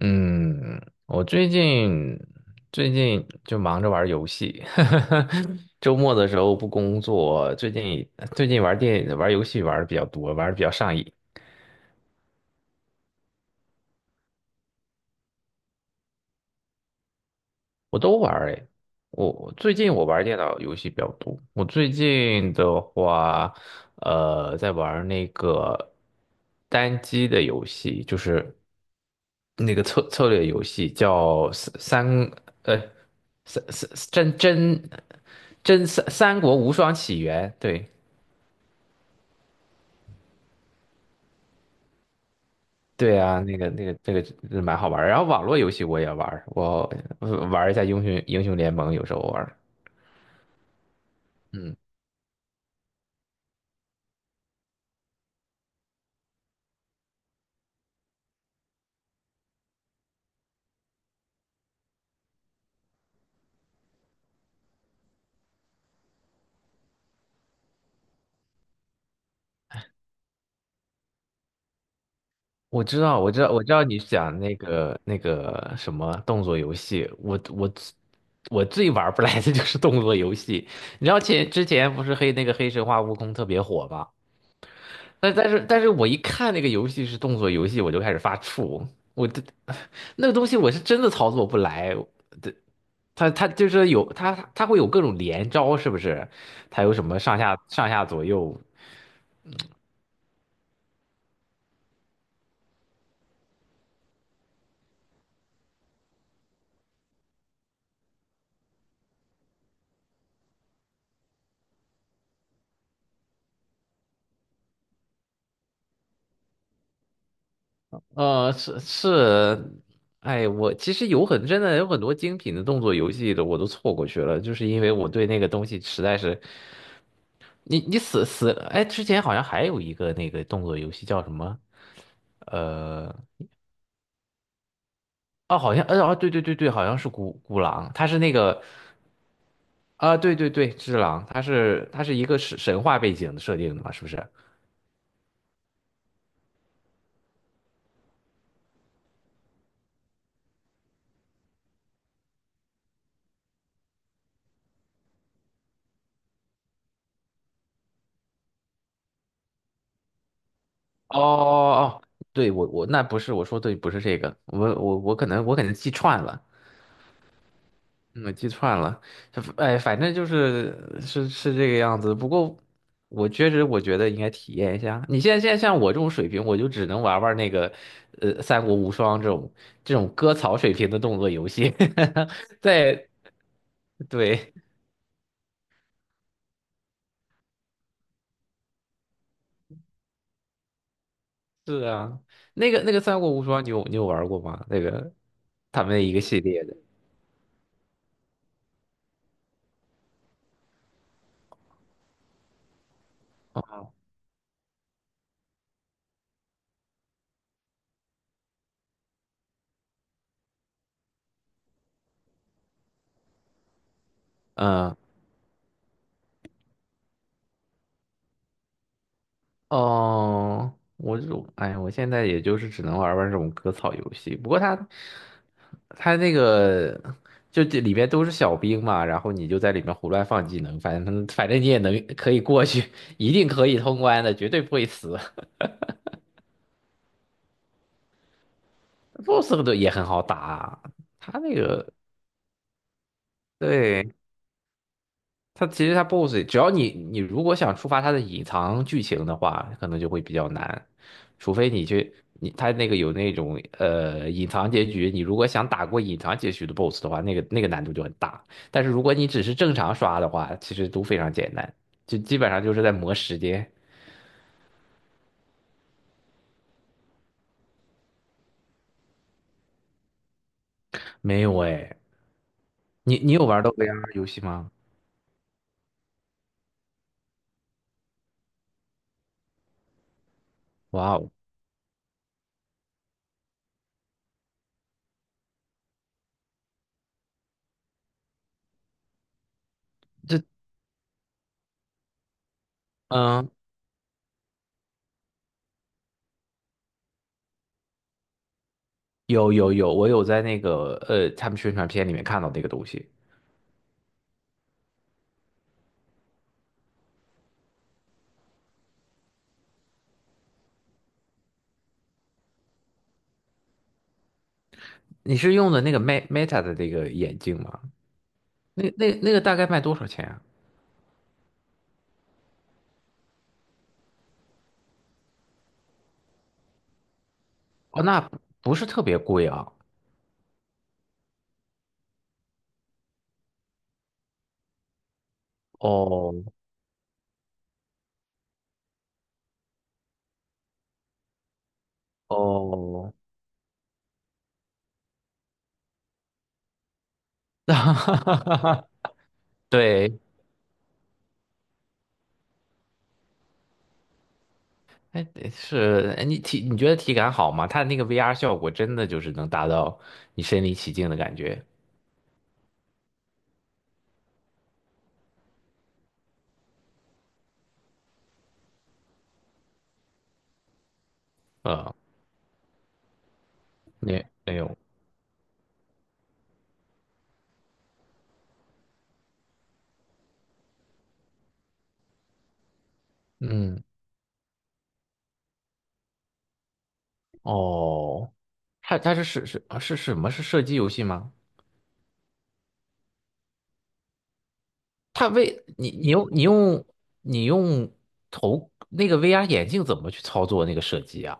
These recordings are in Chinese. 嗯，我最近就忙着玩游戏，周末的时候不工作，最近玩电玩游戏玩的比较多，玩的比较上瘾。我都玩儿诶，我最近玩儿电脑游戏比较多。我最近的话，在玩儿那个单机的游戏，就是那个策略游戏，叫三三呃三三真真真三三国无双起源。对对啊，那个蛮好玩儿。然后网络游戏我也玩儿，我玩儿一下英雄联盟，有时候玩儿。嗯。我知道，我知道，我知道你讲那个什么动作游戏，我最玩不来的就是动作游戏。你知道之前不是黑那个黑神话悟空特别火吗？但是我一看那个游戏是动作游戏，我就开始发怵。我这 那个东西我是真的操作不来，这它就是有它会有各种连招，是不是？它有什么上下上下左右？呃，是是，哎，我其实真的有很多精品的动作游戏的，我都错过去了，就是因为我对那个东西实在是，你死，哎，之前好像还有一个那个动作游戏叫什么？呃，哦，好像，哦，对对对对，好像是孤狼，它是那个，啊、对对对，只狼，它是一个神话背景的设定的嘛，是不是？哦哦哦，对我那不是我说对，不是这个，我可能可能记串了。嗯，我记串了，这哎，反正就是是这个样子。不过我确实觉得应该体验一下。你现在像我这种水平，我就只能玩玩那个《三国无双》这种割草水平的动作游戏。在，对，是啊，那个《三国无双》，你有玩过吗？那个他们的一个系列的，嗯。哦，我就，哎，我现在也就是只能玩玩这种割草游戏。不过他，他那个就这里面都是小兵嘛，然后你就在里面胡乱放技能，反正你也可以过去，一定可以通关的，绝对不会死。BOSS 都也很好打啊，他那个，对。它其实它 BOSS,只要你如果想触发它的隐藏剧情的话，可能就会比较难，除非你去，你它那个有那种隐藏结局，你如果想打过隐藏结局的 BOSS 的话，那个难度就很大。但是如果你只是正常刷的话，其实都非常简单，就基本上就是在磨时间。没有哎，你有玩到 VR 游戏吗？哇哦。这，嗯，有有有，我有在那个他们宣传片里面看到那个东西。你是用的那个 Me- Meta 的那个眼镜吗？那个大概卖多少钱啊？哦，那不是特别贵啊。哦哦，对，哎，是，哎你觉得体感好吗？它那个 VR 效果真的就是能达到你身临其境的感觉。呃，没有，嗯，哦，它是啊是什么？是射击游戏吗？它为你用头那个 VR 眼镜怎么去操作那个射击啊？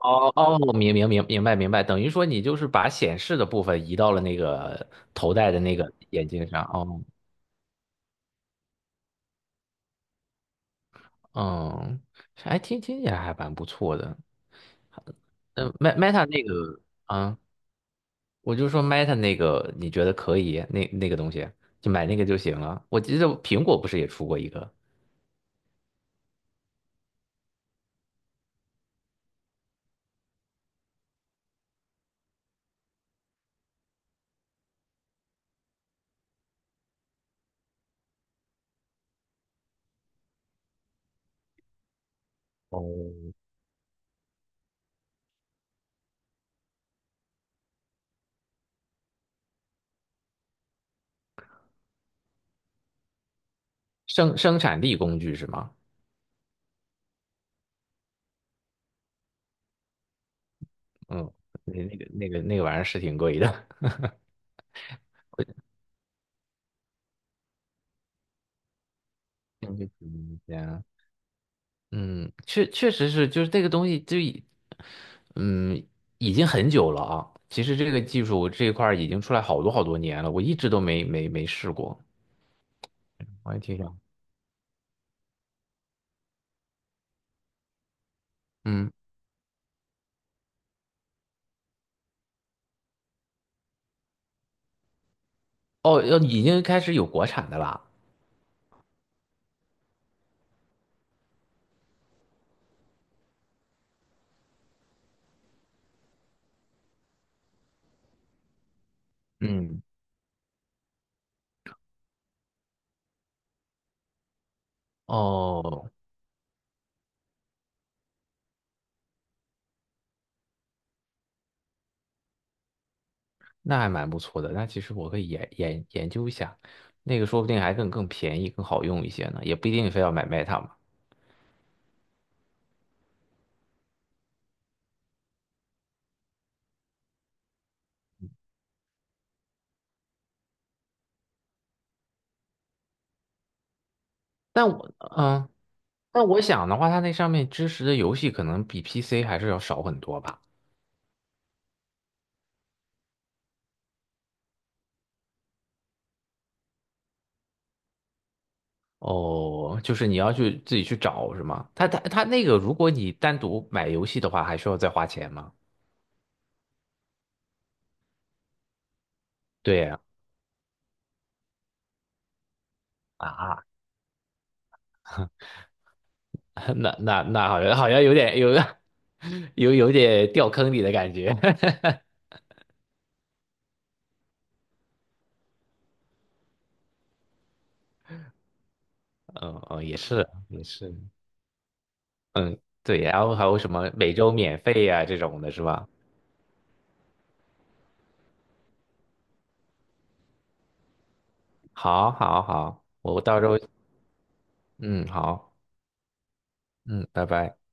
哦哦，明白，等于说你就是把显示的部分移到了那个头戴的那个眼镜上。哦，嗯，还听起来还蛮不错的。嗯，Me- Meta 那个，啊，我就说 Meta 那个，你觉得可以？那个东西就买那个就行了。我记得苹果不是也出过一个。哦，生产力工具是吗？嗯，那个玩意儿是挺贵的。嗯嗯，确实是，就是这个东西就已，嗯，已经很久了啊。其实这个技术这一块儿已经出来好多好多年了，我一直都没试过。我也挺想，嗯，哦，要已经开始有国产的啦。嗯，哦，那还蛮不错的。那其实我可以研究一下，那个说不定还更便宜、更好用一些呢，也不一定非要买 Meta 嘛。但我嗯，但我想的话，它那上面支持的游戏可能比 PC 还是要少很多吧。哦，就是你要去自己去找是吗？他那个，如果你单独买游戏的话，还需要再花钱吗？对呀。啊，那好像有点有 有点掉坑里的感觉。嗯嗯，也是也是，对。然后还有什么每周免费呀、这种的是吧？好，好，好，我到时候。嗯好，嗯，拜拜。